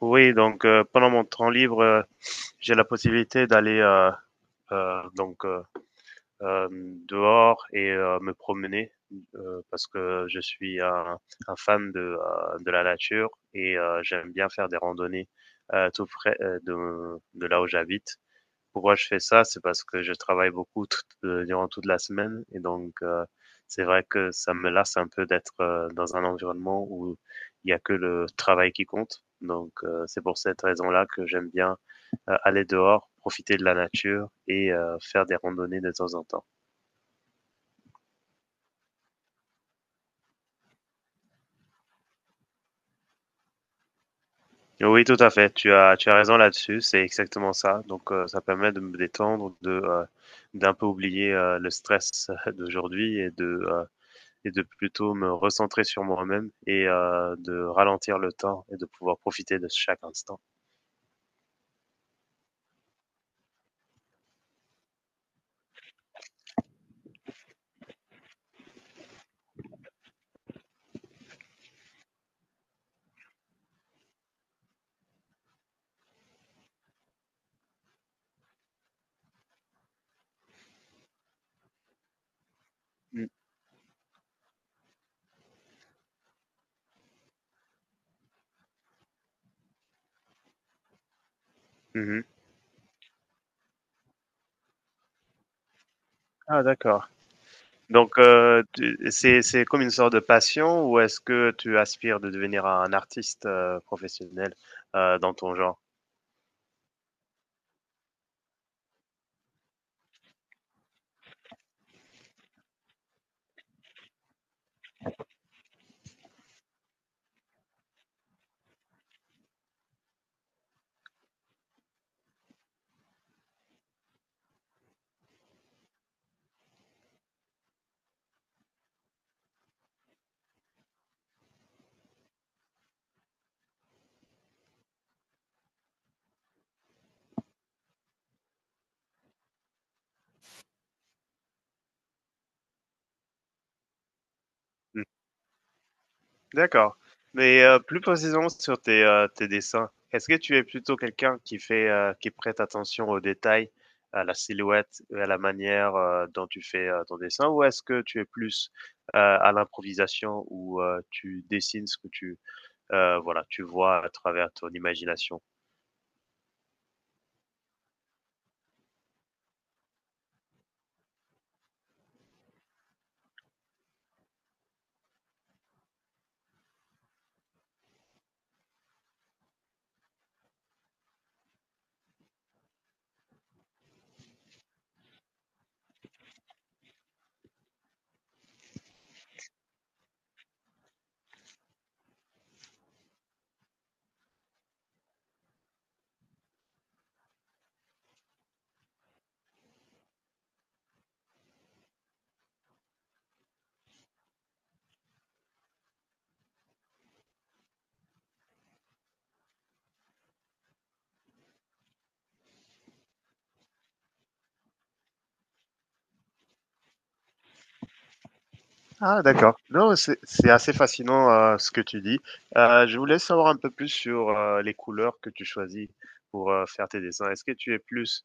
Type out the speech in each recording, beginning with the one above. Oui, pendant mon temps libre, j'ai la possibilité d'aller euh, donc euh, euh, dehors et me promener parce que je suis un fan de la nature et j'aime bien faire des randonnées tout près de là où j'habite. Pourquoi je fais ça? C'est parce que je travaille beaucoup durant toute la semaine et c'est vrai que ça me lasse un peu d'être dans un environnement où il n'y a que le travail qui compte. C'est pour cette raison-là que j'aime bien aller dehors, profiter de la nature et faire des randonnées de temps en temps. Oui, tout à fait. Tu as raison là-dessus. C'est exactement ça. Ça permet de me détendre, d'un peu oublier le stress d'aujourd'hui et de plutôt me recentrer sur moi-même et de ralentir le temps et de pouvoir profiter de chaque instant. Mm. Mhm. Ah, d'accord. C'est comme une sorte de passion ou est-ce que tu aspires de devenir un artiste professionnel dans ton genre? D'accord. Mais, plus précisément sur tes dessins, est-ce que tu es plutôt quelqu'un qui qui prête attention aux détails, à la silhouette et à la manière, dont tu fais, ton dessin? Ou est-ce que tu es plus, à l'improvisation où, tu dessines voilà, tu vois à travers ton imagination? Ah, d'accord. Non, c'est assez fascinant, ce que tu dis. Je voulais savoir un peu plus sur, les couleurs que tu choisis pour, faire tes dessins. Est-ce que tu es plus,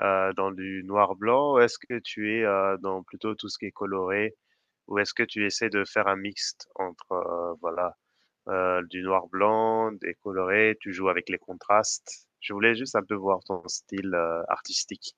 dans du noir-blanc? Ou est-ce que tu es, dans plutôt tout ce qui est coloré? Ou est-ce que tu essaies de faire un mixte entre, voilà, du noir-blanc, des colorés, tu joues avec les contrastes? Je voulais juste un peu voir ton style, artistique.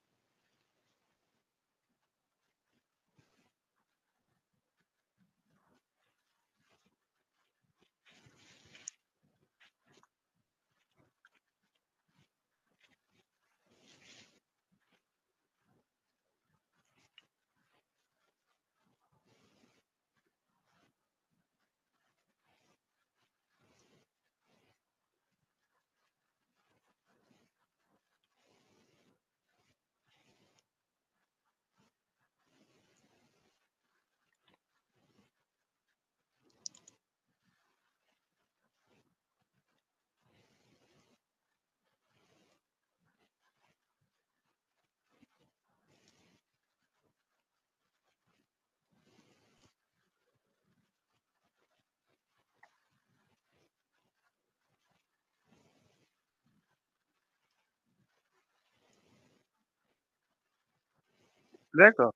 D'accord.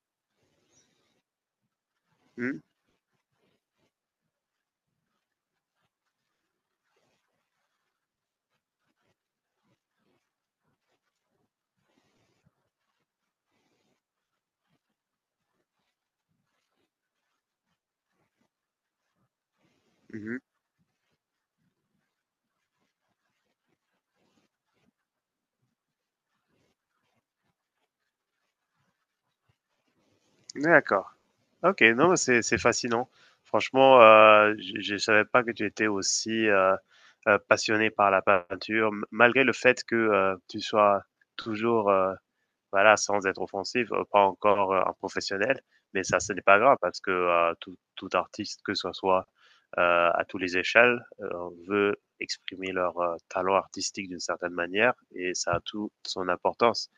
Mmh. Mmh. D'accord. OK, non, mais c'est fascinant. Franchement, je savais pas que tu étais aussi, passionnée par la peinture, m malgré le fait que, tu sois toujours, voilà, sans être offensif, pas encore, un professionnel, mais ça, ce n'est pas grave parce que, tout artiste, que ce soit, à tous les échelles, veut exprimer leur, talent artistique d'une certaine manière et ça a toute son importance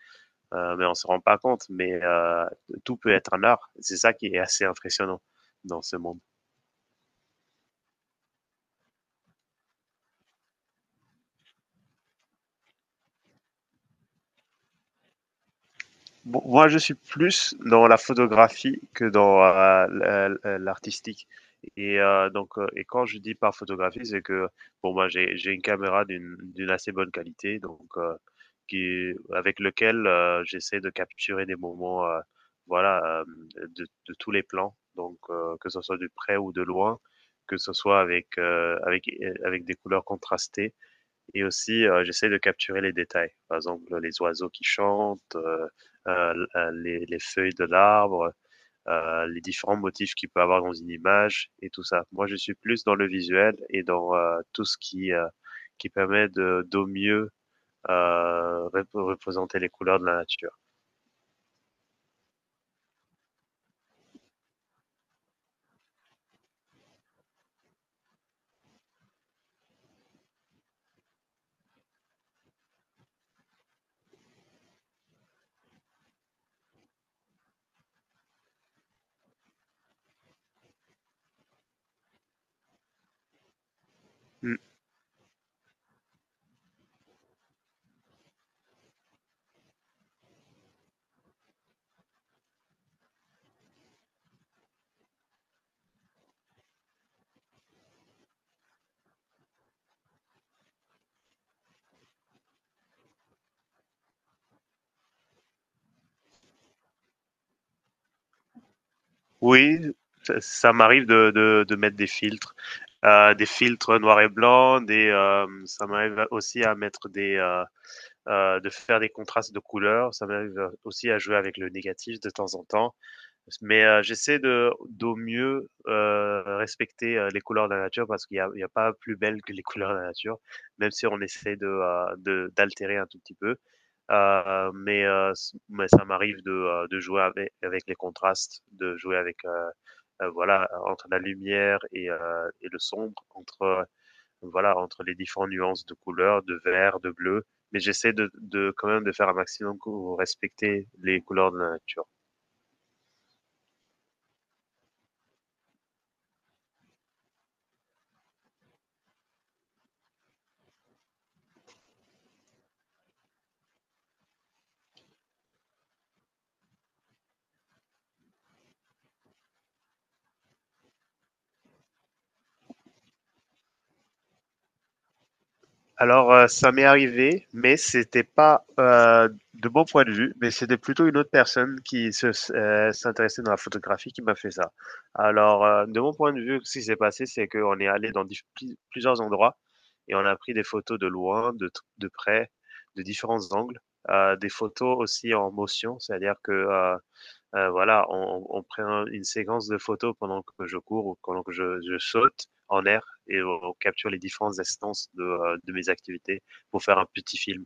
mais on se rend pas compte. Mais tout peut être un art. C'est ça qui est assez impressionnant dans ce monde. Bon, moi, je suis plus dans la photographie que dans l'artistique. Et et quand je dis par photographie, c'est que bon, moi, j'ai une caméra d'une assez bonne qualité, qui avec lequel j'essaie de capturer des moments, voilà, de tous les plans. Que ce soit de près ou de loin, que ce soit avec des couleurs contrastées. Et aussi, j'essaie de capturer les détails. Par exemple, les oiseaux qui chantent, les feuilles de l'arbre, les différents motifs qu'il peut avoir dans une image et tout ça. Moi, je suis plus dans le visuel et dans tout ce qui permet de, d'au mieux représenter les couleurs de la nature. Mm. Oui, ça m'arrive de mettre des filtres noir et blanc, ça m'arrive aussi à mettre de faire des contrastes de couleurs. Ça m'arrive aussi à jouer avec le négatif de temps en temps. Mais j'essaie de d'au mieux respecter les couleurs de la nature parce il y a pas plus belle que les couleurs de la nature, même si on essaie d'altérer un tout petit peu. Mais ça m'arrive de jouer avec, avec les contrastes, de jouer avec voilà entre la lumière et le sombre, entre voilà, entre les différentes nuances de couleurs, de vert, de bleu. Mais j'essaie de quand même de faire un maximum pour respecter les couleurs de la nature. Alors, ça m'est arrivé, mais c'était pas de mon point de vue, mais c'était plutôt une autre personne qui s'intéressait dans la photographie qui m'a fait ça. Alors, de mon point de vue, ce qui s'est passé, c'est qu'on est allé dans plusieurs endroits et on a pris des photos de loin, de près, de différents angles, des photos aussi en motion, c'est-à-dire que voilà, on prend une séquence de photos pendant que je cours ou pendant que je saute en air et on capture les différentes instances de mes activités pour faire un petit film.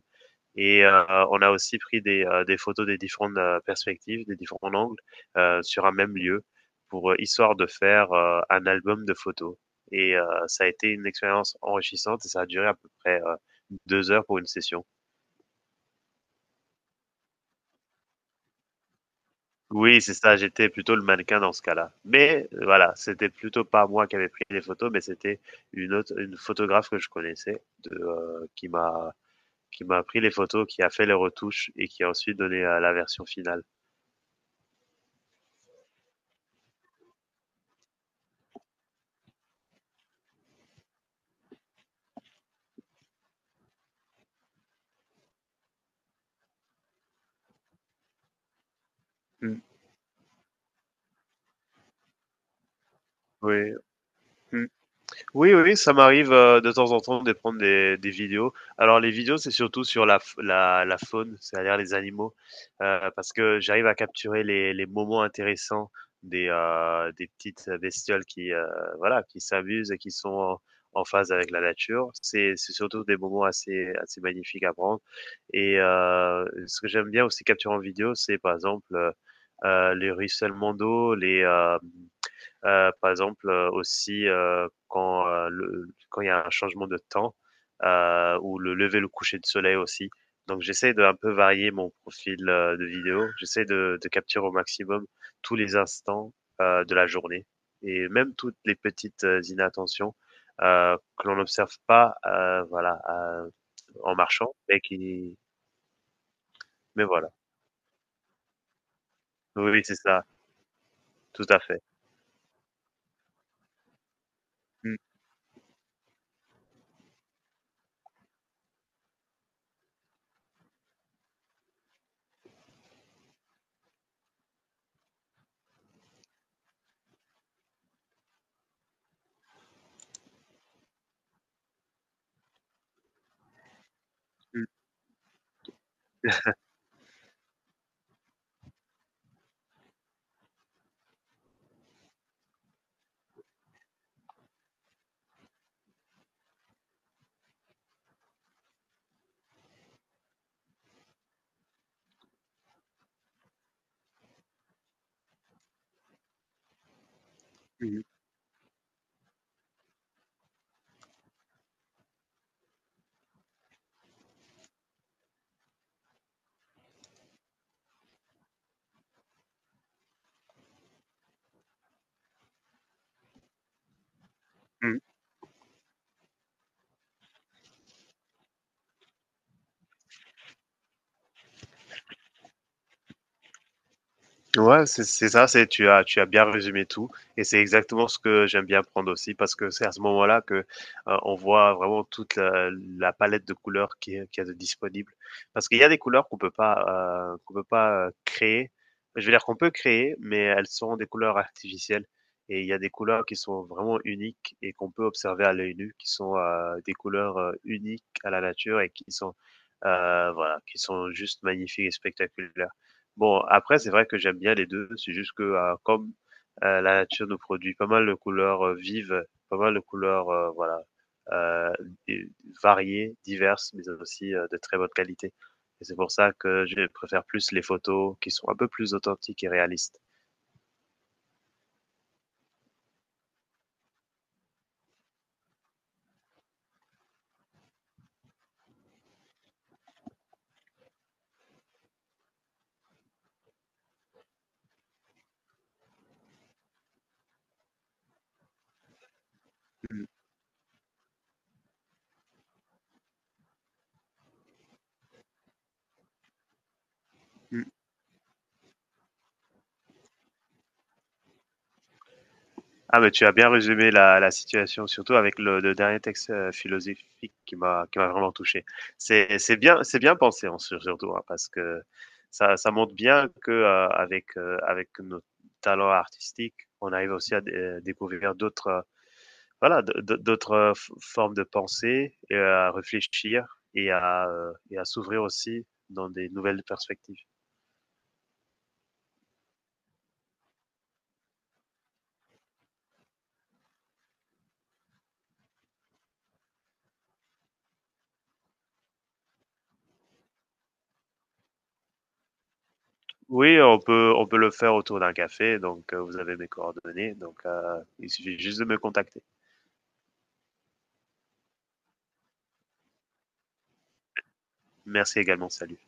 Et on a aussi pris des photos des différentes perspectives, des différents angles sur un même lieu pour histoire de faire un album de photos. Et ça a été une expérience enrichissante et ça a duré à peu près deux heures pour une session. Oui, c'est ça, j'étais plutôt le mannequin dans ce cas-là. Mais voilà, c'était plutôt pas moi qui avait pris les photos, mais c'était une photographe que je connaissais de, qui m'a pris les photos, qui a fait les retouches et qui a ensuite donné, la version finale. Mmh. Oui. Mmh. Oui, oui, ça m'arrive de temps en temps de prendre des vidéos. Alors les vidéos, c'est surtout sur la faune, c'est-à-dire les animaux, parce que j'arrive à capturer les moments intéressants des petites bestioles qui, voilà, qui s'amusent et qui sont en, en phase avec la nature. C'est surtout des moments assez magnifiques à prendre. Et ce que j'aime bien aussi capturer en vidéo, c'est par exemple les ruissellements d'eau, par exemple, aussi quand il y a un changement de temps ou le lever, le coucher de soleil aussi. Donc j'essaie de un peu varier mon profil de vidéo. J'essaie de capturer au maximum tous les instants de la journée et même toutes les petites inattentions que l'on n'observe pas, en marchant, mais voilà. Oui, oui, c'est ça, tout à fait. Mm, mm, mm, mm. Ouais, c'est ça, c'est tu as bien résumé tout et c'est exactement ce que j'aime bien prendre aussi parce que c'est à ce moment-là que, on voit vraiment toute la la palette de couleurs qui est disponible. Parce qu'il y a des couleurs qu'on peut pas, créer. Je veux dire qu'on peut créer, mais elles sont des couleurs artificielles et il y a des couleurs qui sont vraiment uniques et qu'on peut observer à l'œil nu, qui sont, des couleurs, uniques à la nature et qui sont, voilà, qui sont juste magnifiques et spectaculaires. Bon, après, c'est vrai que j'aime bien les 2. C'est juste que, comme, la nature nous produit pas mal de couleurs, vives, pas mal de couleurs, voilà, heu, d variées, diverses, mais aussi, de très bonne qualité et c'est pour ça que je préfère plus les photos qui sont un peu plus authentiques et réalistes. Mmh. Ah, mais tu as bien résumé la situation, surtout avec le dernier texte philosophique qui m'a vraiment touché. C'est bien pensé en surtout hein, parce que ça montre bien que avec nos talents artistiques, on arrive aussi à découvrir d'autres voilà d'autres formes de pensée et à réfléchir et à s'ouvrir aussi dans des nouvelles perspectives. Oui, on peut le faire autour d'un café, donc, vous avez mes coordonnées, donc, il suffit juste de me contacter. Merci également, salut.